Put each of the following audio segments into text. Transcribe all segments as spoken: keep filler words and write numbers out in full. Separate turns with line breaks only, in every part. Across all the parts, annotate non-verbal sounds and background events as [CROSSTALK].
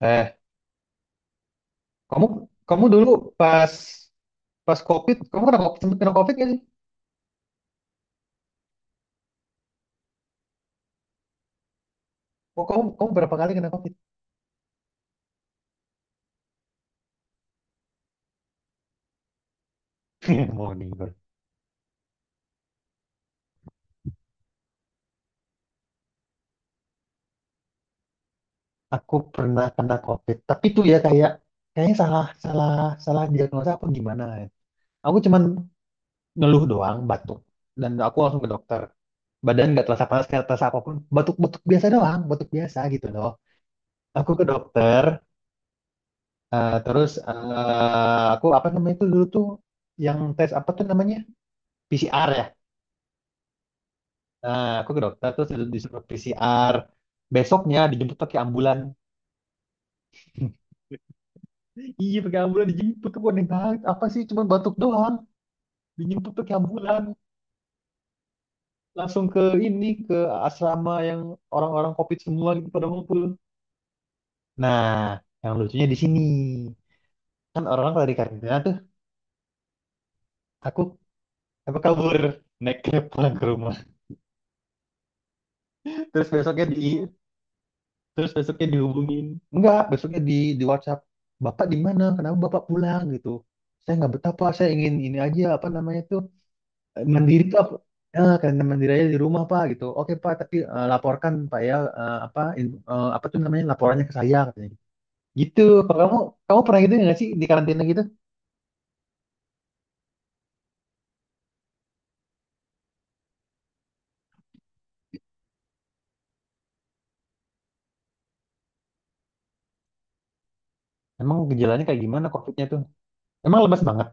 Eh, kamu kamu dulu pas pas COVID, kamu kena COVID, sempet kena COVID gak sih? Oh, kamu kamu berapa kali kena COVID? [LAUGHS] Mau nih, Bro. Aku pernah kena COVID, tapi tuh ya kayak kayaknya salah salah salah diagnosa apa gimana ya. Aku cuman ngeluh doang, batuk, dan aku langsung ke dokter. Badan nggak terasa panas, nggak terasa apapun, batuk-batuk biasa doang, batuk biasa gitu loh. Aku ke dokter, eh, terus eh, aku apa namanya itu dulu tuh yang tes apa tuh namanya? P C R ya. Nah, aku ke dokter terus disuruh P C R. Besoknya dijemput pakai ambulan. [LAUGHS] Iya pakai ambulan dijemput ke Boneng banget. Apa sih cuma batuk doang. Dijemput pakai ambulan. Langsung ke ini ke asrama yang orang-orang COVID semua gitu pada ngumpul. Nah, yang lucunya di sini. Kan orang-orang kalau di karantina tuh aku apa kabur naik cab pulang ke rumah. [LAUGHS] Terus besoknya di Terus besoknya dihubungin. Enggak, besoknya di di WhatsApp. Bapak di mana? Kenapa Bapak pulang gitu? Saya nggak betah Pak, saya ingin ini aja apa namanya tuh eh, mandiri tuh apa? Eh, karena mandiri aja di rumah Pak gitu. Oke Pak, tapi eh, laporkan Pak ya eh, apa in- eh, apa tuh namanya laporannya ke saya katanya. Gitu. Kalau kamu kamu pernah gitu nggak sih di karantina gitu? Emang gejalanya kayak gimana COVID-nya tuh? Emang lemas banget?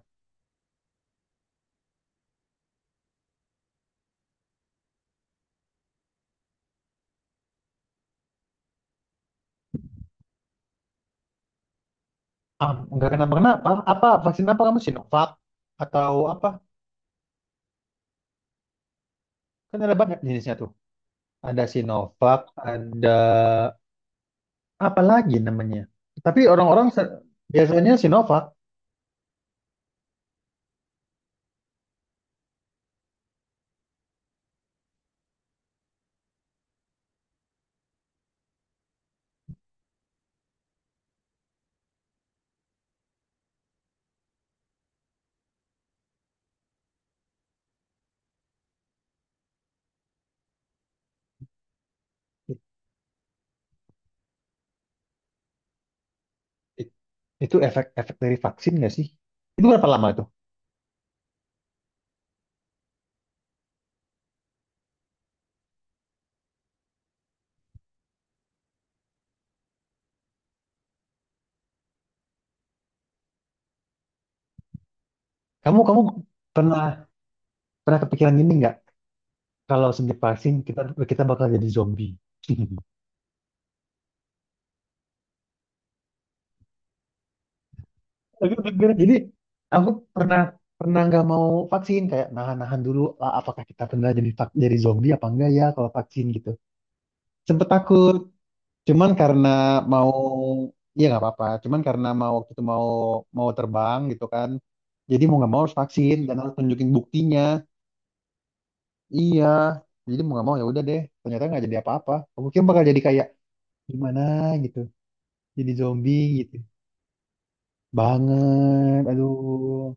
Ah, nggak kenapa-kenapa? Apa vaksin apa kamu Sinovac atau apa? Kan ada banyak jenisnya tuh. Ada Sinovac, ada apalagi namanya. Tapi orang-orang se- biasanya Sinovac I- itu efek-efek dari vaksin nggak sih? Itu berapa lama itu? Kamu kamu pernah pernah kepikiran gini nggak? Kalau sejak vaksin kita kita bakal jadi zombie. [LAUGHS] Aku pikir, jadi aku pernah pernah nggak mau vaksin kayak nahan-nahan dulu ah, apakah kita benar jadi vak- jadi zombie apa enggak ya kalau vaksin gitu. Sempet takut. Cuman karena mau iya nggak apa-apa. Cuman karena mau waktu itu mau mau terbang gitu kan. Jadi mau nggak mau harus vaksin dan harus tunjukin buktinya. Iya. Jadi mau nggak mau ya udah deh. Ternyata nggak jadi apa-apa. Aku kira bakal jadi kayak gimana gitu. Jadi zombie gitu. Banget. Aduh.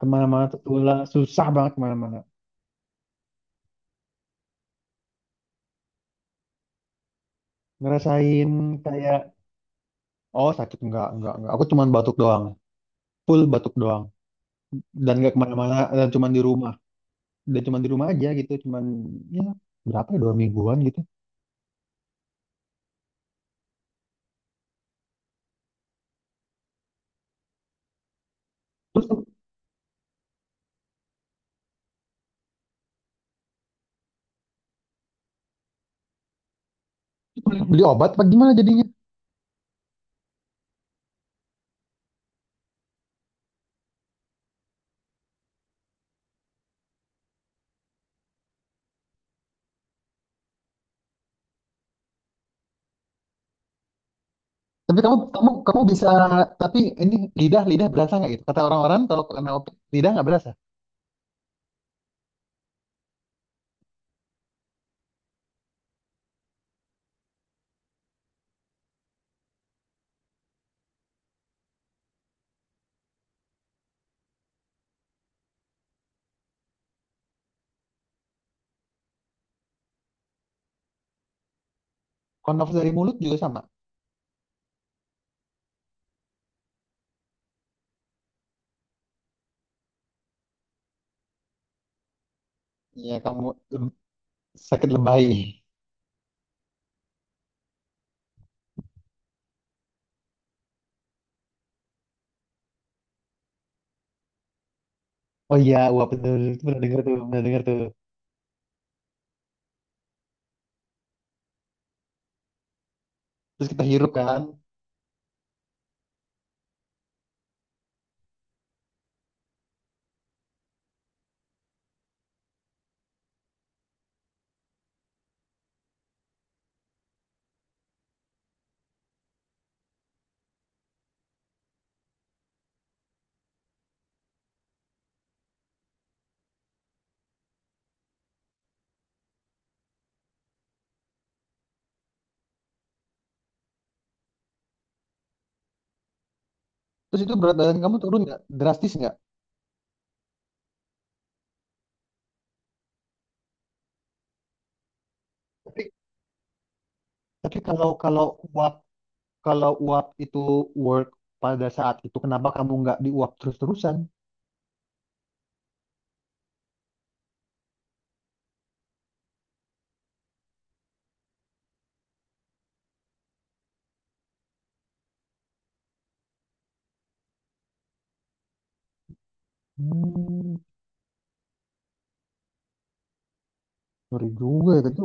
Kemana-mana tertular. Susah banget kemana-mana. Ngerasain kayak oh sakit enggak enggak enggak. Aku cuman batuk doang. Full batuk doang. Dan nggak kemana-mana dan cuman di rumah. Udah cuman di rumah aja gitu cuman ya berapa ya dua mingguan gitu terus beli obat apa gimana jadinya tapi kamu kamu kamu bisa tapi ini lidah lidah berasa nggak gitu kata orang-orang kalau kena opik lidah nggak berasa kalau nafas dari mulut juga sama ya kamu lem- sakit lebay oh iya wah bener. Itu pernah dengar tuh pernah dengar tuh terus kita hirup kan terus itu berat badan kamu turun nggak drastis nggak tapi tapi kalau kalau uap kalau uap itu work pada saat itu kenapa kamu nggak diuap terus-terusan. Hmm. Ngeri juga ya itu.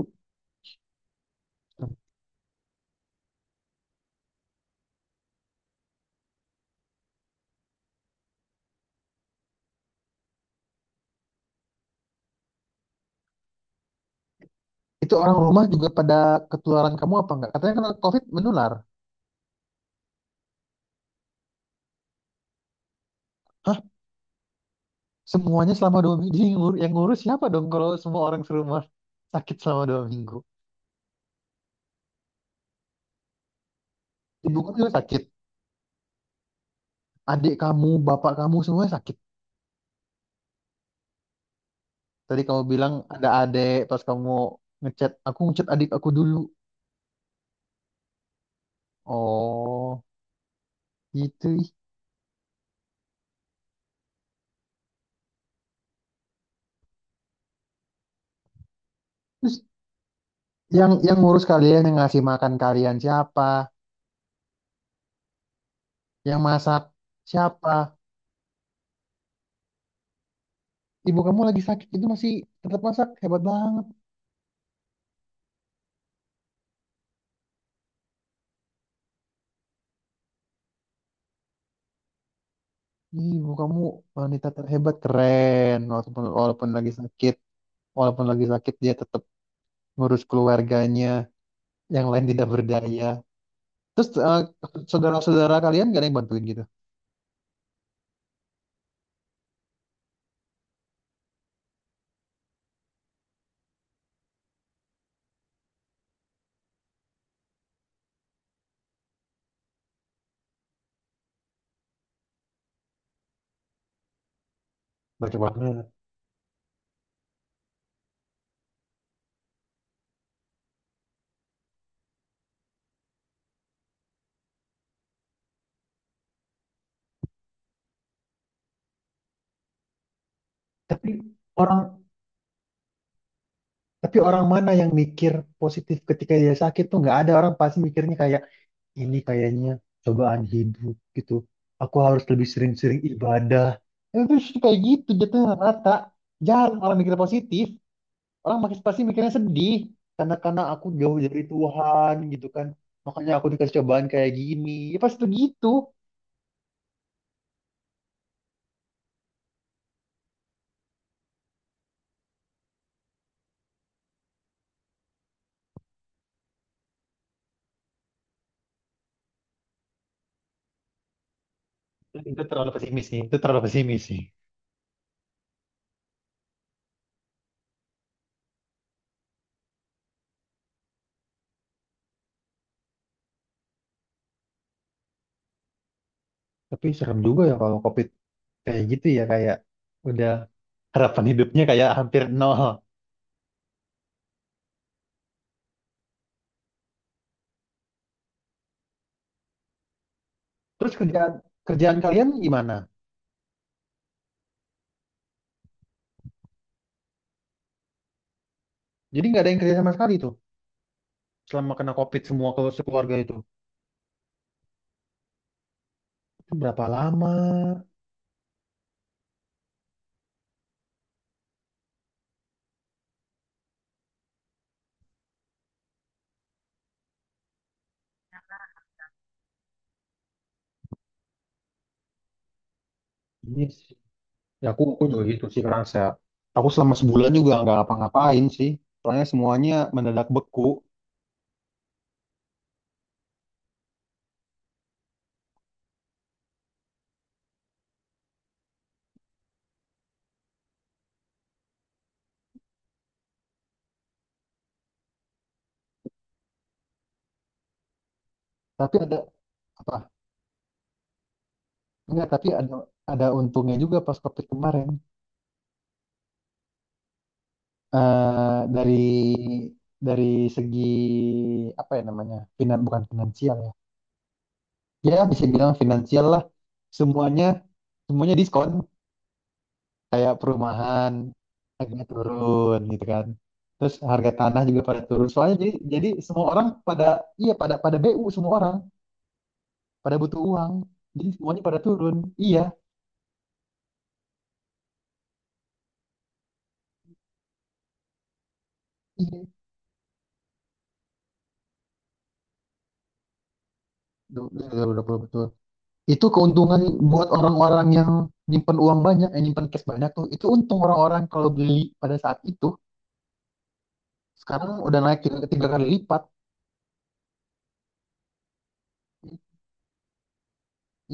Itu orang rumah juga pada ketularan kamu apa enggak? Katanya kena COVID menular. Hah? Semuanya selama dua minggu. Jadi yang ngur- yang ngurus siapa dong kalau semua orang serumah sakit selama dua minggu? Ibuku juga sakit. Adik kamu, bapak kamu semuanya sakit. Tadi kamu bilang ada adik pas kamu ngechat. Aku ngechat adik aku dulu. Oh, gitu. Ih. Terus yang yang ngurus kalian, yang ngasih makan kalian siapa? Yang masak siapa? Ibu kamu lagi sakit itu masih tetap masak. Hebat banget. Ibu kamu wanita terhebat keren walaupun walaupun lagi sakit walaupun lagi sakit dia tetap ngurus keluarganya yang lain tidak berdaya terus eh, saudara-saudara kalian gak ada yang bantuin gitu. Banyak banget. Tapi orang tapi orang mana yang mikir positif ketika dia sakit tuh nggak ada orang pasti mikirnya kayak ini kayaknya cobaan hidup gitu. Aku harus lebih sering-sering ibadah. Itu kayak gitu jatuhnya rata jarang orang mikir positif orang makin pasti mikirnya sedih karena karena aku jauh dari Tuhan gitu kan makanya aku dikasih cobaan kayak gini ya pasti begitu itu terlalu pesimis sih itu terlalu pesimis sih tapi serem juga ya kalau COVID kayak gitu ya kayak udah harapan hidupnya kayak hampir nol terus kerjaan kerjaan kalian gimana jadi nggak ada yang kerja sama sekali tuh selama kena COVID semua kalau sekeluarga itu. Itu berapa lama ini. Ya aku aku juga gitu sih kerasa. Aku selama sebulan juga nggak ngapa-ngapain sih. Soalnya semuanya mendadak beku. Tapi ada apa? Enggak, tapi ada ada untungnya juga pas COVID kemarin. Eh dari dari segi apa ya namanya? Finan bukan finansial ya. Ya bisa bilang finansial lah. Semuanya semuanya diskon. Kayak perumahan harganya turun gitu kan. Terus harga tanah juga pada turun. Soalnya jadi jadi semua orang pada iya pada pada B U semua orang pada butuh uang jadi semuanya pada turun iya iya. Duh, duh, duh, duh, duh, betul itu keuntungan buat orang-orang yang nyimpen uang banyak yang nyimpen cash banyak tuh itu untung orang-orang kalau beli pada saat itu sekarang udah naik tiga, tiga kali lipat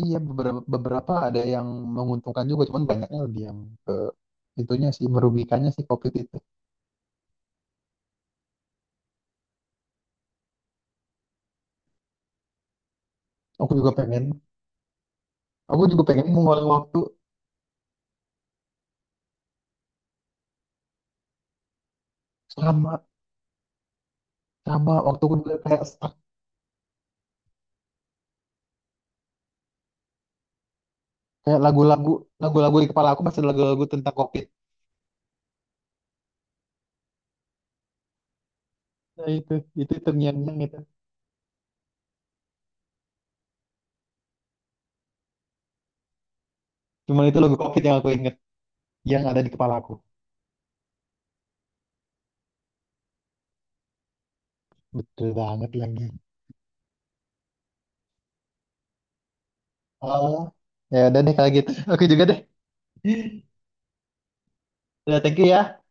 iya beberapa beberapa ada yang menguntungkan juga cuman banyaknya lebih yang ke itunya sih merugikannya sih covid itu aku juga pengen aku juga pengen mengulang waktu selama sama waktu aku juga kayak stuck kayak lagu-lagu lagu-lagu di kepala aku masih lagu-lagu tentang covid. Nah, itu itu terngiang-ngiang itu. Cuman itu logo COVID yang aku inget, yang ada di kepala aku. Betul banget lagi. Oh, ya udah deh kalau gitu. Oke juga deh. Udah, thank you ya.